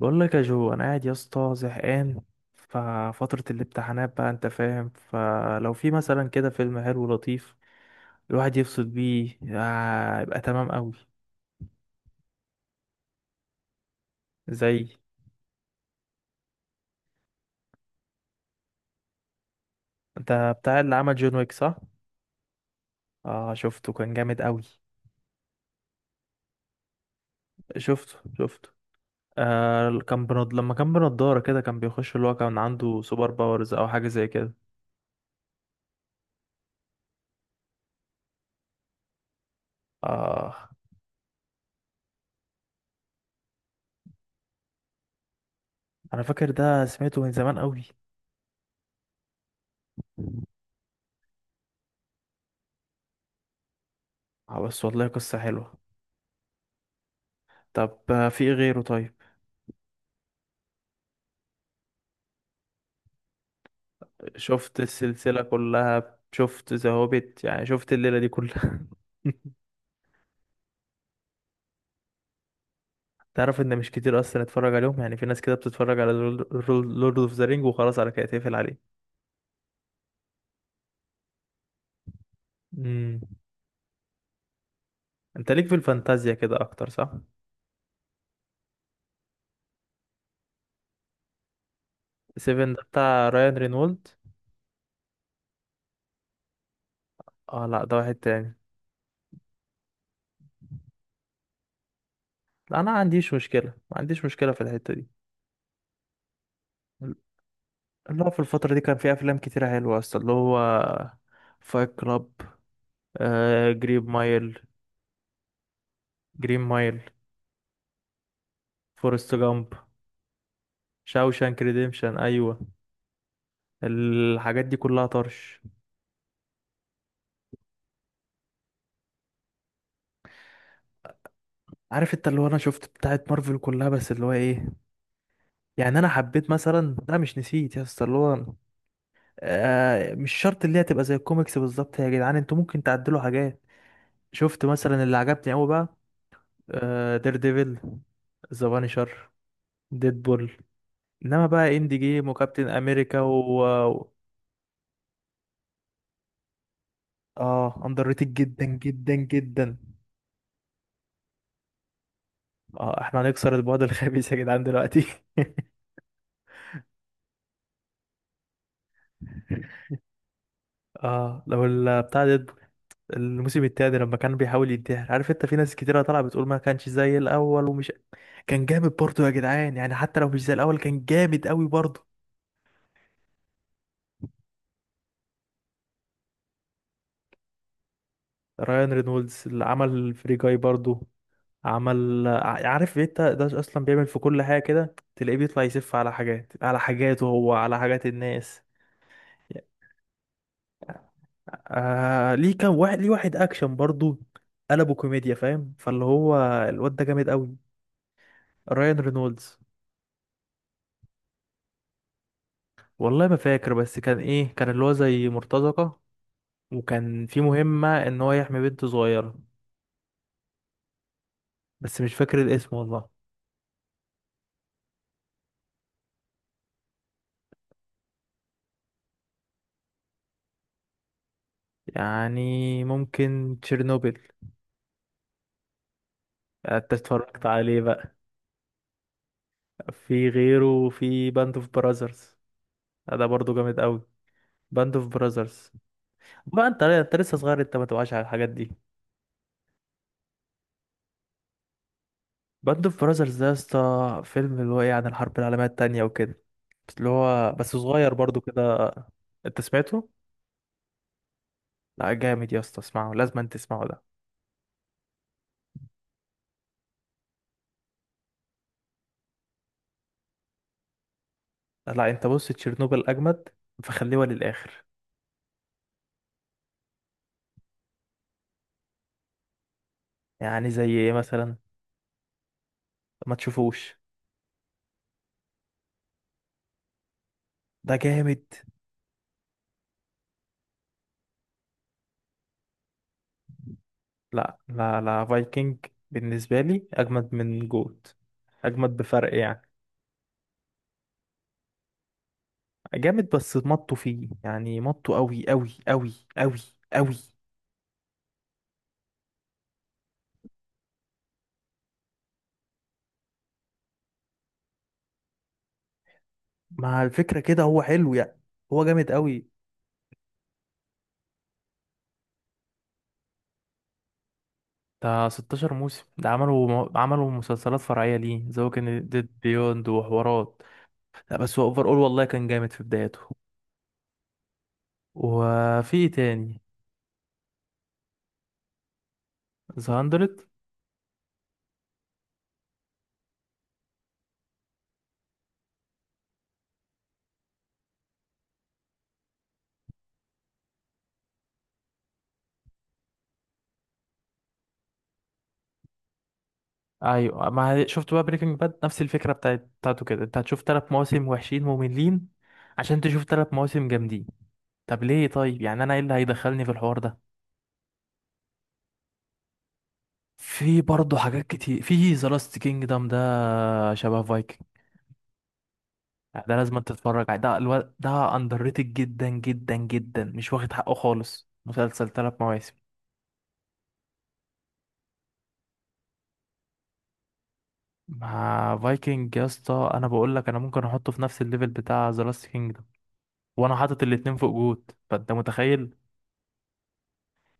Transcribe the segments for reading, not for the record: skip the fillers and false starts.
بقول لك يا جو، انا قاعد يا اسطى زهقان. ففترة الامتحانات بقى، انت فاهم، فلو في مثلا كده فيلم حلو لطيف الواحد يفصل بيه، يبقى تمام قوي. زي؟ انت بتاع اللي عمل جون ويك، صح؟ اه، شفته كان جامد قوي. شفته. لما كان بنضارة كده كان بيخش، اللي هو كان عنده سوبر باورز او حاجة زي كده. اه. انا فاكر ده، سمعته من زمان قوي. بس والله قصة حلوة. طب، في إيه غيره طيب؟ شفت السلسلة كلها، شفت ذا هوبيت، يعني شفت الليلة دي كلها. تعرف ان مش كتير اصلا اتفرج عليهم، يعني في ناس كده بتتفرج على لورد اوف ذا رينج وخلاص، على كده تقفل عليه. امم انت ليك في الفانتازيا كده اكتر، صح؟ سيفن ده بتاع رايان رينولد؟ اه لا، ده واحد تاني. لا انا ما عنديش مشكلة، ما عنديش مشكلة في الحتة دي. اللي هو في الفترة دي كان في افلام كتيرة حلوة اصلا، اللي هو فايت كلاب، جرين مايل، جرين مايل، فورست جامب، شاوشانك ريديمشن، ايوه. الحاجات دي كلها طرش. عارف انت اللي هو انا شفت بتاعت مارفل كلها، بس اللي هو ايه، يعني انا حبيت مثلا، لا مش نسيت يا اسطى. اللي هو مش شرط اللي هي تبقى زي الكوميكس بالظبط يا جدعان، انتوا ممكن تعدلوا حاجات. شفت مثلا اللي عجبني قوي بقى دير ديفل، ذا بانشر، ديدبول. انما بقى اندي جيم وكابتن امريكا و... اه، اندر ريتد جدا. اه، احنا هنكسر البعد الخبيث يا جدعان دلوقتي. اه، لو بتاع ديدبول الموسم التاني لما كان بيحاول ينتحر، عارف انت في ناس كتيرة طالعة بتقول ما كانش زي الاول ومش... كان جامد برضه يا جدعان، يعني حتى لو مش زي الاول كان جامد قوي برضه. رايان رينولدز، اللي عمل فري جاي برضه، عارف انت ده اصلا بيعمل في كل حاجة كده، تلاقيه بيطلع يسف على حاجات، على حاجاته هو على حاجات الناس. ليه كان واحد ليه واحد اكشن برضه قلبه كوميديا، فاهم؟ فاللي هو الواد ده جامد قوي. رايان رينولدز. والله ما فاكر بس كان ايه، كان اللي هو زي مرتزقة، وكان في مهمة ان هو يحمي بنت صغيرة. بس مش فاكر الاسم والله. يعني ممكن تشيرنوبل. انت اتفرجت عليه بقى؟ في غيره، في باند اوف براذرز، ده برضو جامد قوي. باند اوف براذرز. بقى انت، انت لسه صغير، انت ما تبقاش على الحاجات دي. باند اوف براذرز ده يا اسطى فيلم اللي هو ايه، عن الحرب العالمية التانية وكده، بس اللي هو بس صغير برضو كده. انت سمعته؟ لا، جامد يا اسطى، اسمعه، لازم انت تسمعه ده. لا انت بص، تشيرنوبل اجمد، فخليها للاخر. يعني زي ايه مثلا؟ ما تشوفوش. ده جامد. لا لا لا، فايكنج بالنسبه لي اجمد من جوت. اجمد بفرق يعني. جامد، بس مطوا فيه يعني، مطوا قوي. مع الفكره كده هو حلو يعني. هو جامد قوي. ده 16 موسم، ده عملوا عملوا مسلسلات فرعيه ليه، زي كان ديد بيوند وحوارات. لا، بس هو اوفر اول، والله كان جامد في بدايته. وفي إيه تاني؟ ذا 100. ايوه، ما شفت بقى بريكنج باد؟ نفس الفكره بتاعت بتاعته كده، انت هتشوف ثلاث مواسم وحشين مملين عشان تشوف ثلاث مواسم جامدين. طب ليه طيب، يعني انا ايه اللي هيدخلني في الحوار ده؟ في برضه حاجات كتير، في ذا لاست كينجدم، ده شبه فايكنج. يعني ده لازم انت تتفرج عليه، ده اندر ريتد جدا جدا جدا، مش واخد حقه خالص، مسلسل ثلاث مواسم. مع فايكنج يا اسطى انا بقول لك، انا ممكن احطه في نفس الليفل بتاع ذا لاست كينجدم، وانا حاطط الاتنين فوق جود، فانت متخيل.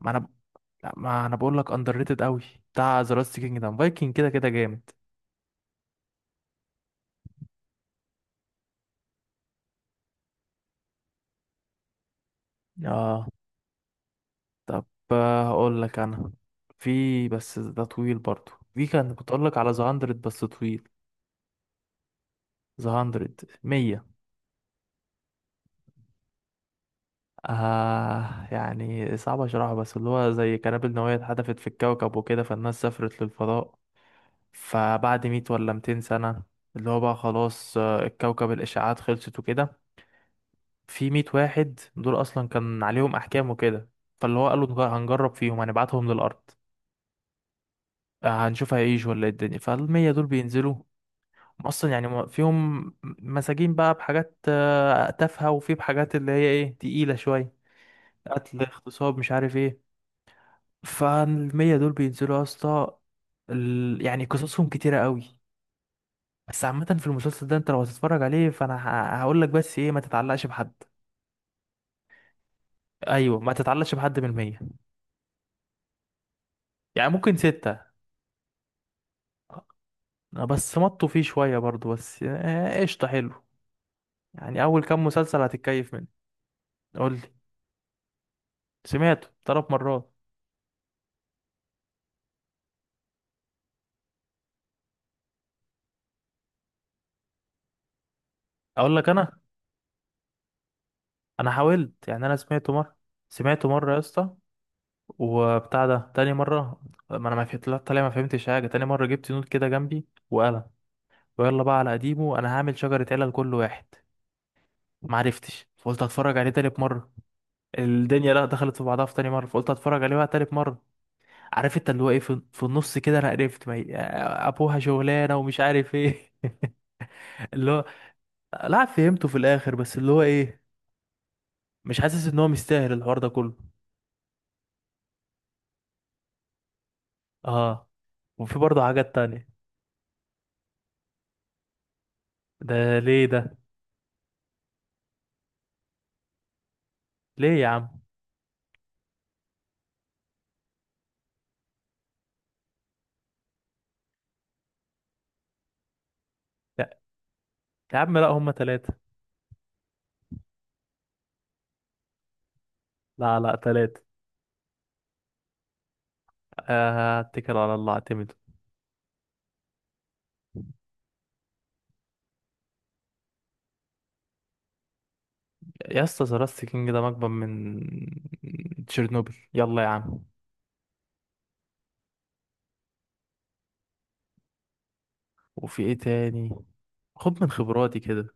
ما انا ما انا بقول لك اندر ريتد قوي بتاع ذا لاست كينجدم. فايكنج كده كده جامد. اه. طب، اقول لك انا، في بس ده طويل برضو، في كان كنت اقول لك على ذا 100، بس طويل. ذا 100. 100. يعني صعب اشرحه، بس اللي هو زي قنابل نووية اتحدفت في الكوكب وكده، فالناس سافرت للفضاء. فبعد 100 ولا 200 سنة، اللي هو بقى خلاص، الكوكب الاشعاعات خلصت وكده. في 100 واحد دول اصلا كان عليهم احكام وكده، فاللي هو قالوا نج- هنجرب فيهم، هنبعتهم للارض. هنشوف هيعيش ولا إيه الدنيا، فالمية دول بينزلوا. هم اصلا يعني هم- فيهم مساجين بقى بحاجات تافهة، وفي بحاجات اللي هي ايه تقيلة شوية. قتل، اغتصاب، مش عارف ايه. فالمية دول بينزلوا يا اسطى، يعني قصصهم كتيرة قوي. بس عامة في المسلسل ده انت لو هتتفرج عليه، فانا هقول لك بس ايه، ما تتعلقش بحد. ايوه، ما تتعلقش بحد من المية. يعني ممكن ستة. بس مطوا فيه شوية برضو، بس قشطة حلو، يعني أول كام مسلسل هتتكيف منه. قول لي. سمعته ثلاث مرات. أقول لك أنا، أنا حاولت يعني، أنا سمعته مرة. سمعته مرة يا اسطى، وبتاع ده تاني مرة ما أنا ما فهمت. لا، طالع ما فهمتش حاجة. تاني مرة جبت نوت كده جنبي وقلم، ويلا بقى على قديمه، أنا هعمل شجرة علل كل واحد. معرفتش، فقلت هتفرج عليه تالت مرة. الدنيا لا دخلت في بعضها في تاني مرة، فقلت هتفرج عليه بقى تالت مرة. عارف انت اللي هو ايه، في النص كده انا قرفت. ما هي- ابوها شغلانه ومش عارف ايه. اللي هو لا فهمته في الاخر، بس اللي هو ايه، مش حاسس ان هو مستاهل الحوار ده كله. اه. وفي برضه حاجات تانية. ده ليه ده؟ ليه يا عم؟ لا يا عم، لا هما تلاتة. لا لا، تلاتة. اتكل على الله اعتمد. يا اسطى ذا لاست كينج ده مجبن من تشيرنوبل، يلا يا عم. وفي ايه تاني؟ خد من خبراتي كده.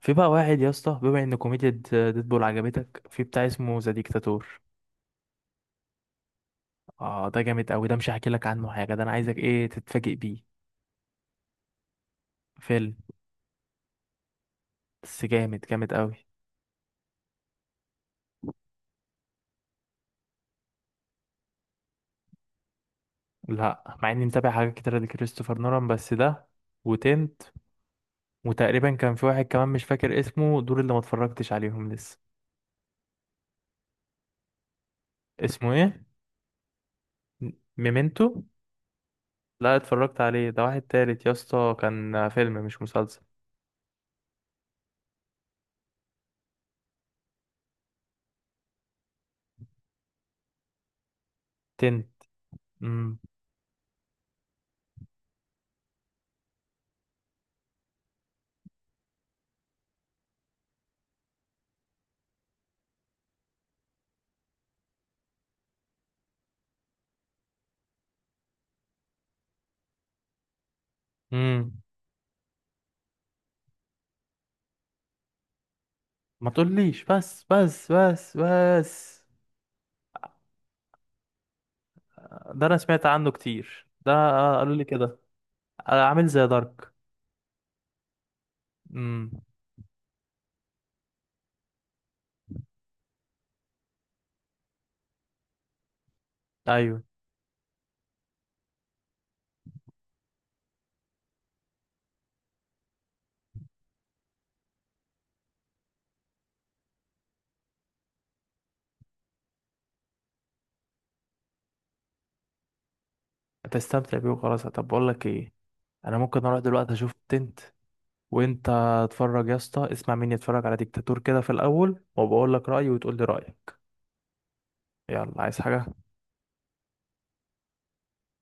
في بقى واحد يا اسطى، بما ان كوميديا ديدبول عجبتك، في بتاع اسمه ذا ديكتاتور. اه، ده جامد قوي، ده مش هحكي لك عنه حاجه، ده انا عايزك ايه تتفاجئ بيه. فيلم. بس جامد، جامد قوي. لا، مع اني متابع حاجات كتيره لكريستوفر نولان بس ده، وتنت، وتقريبا كان في واحد كمان مش فاكر اسمه، دول اللي ما اتفرجتش عليهم لسه. اسمه ايه؟ م- ميمنتو. لا اتفرجت عليه، ده واحد تالت يا اسطى، كان فيلم مش مسلسل. تنت. امم امم. ما تقوليش، بس. ده انا سمعت عنه كتير ده، قالوا لي كده. عامل زي دارك. امم. ايوه. هتستمتع بيه وخلاص. طب بقول لك ايه، انا ممكن اروح دلوقتي اشوف تنت. وانت اتفرج يا اسطى، اسمع مني، اتفرج على ديكتاتور كده في الاول، وبقول لك رايي وتقول لي رايك. يلا، عايز حاجه؟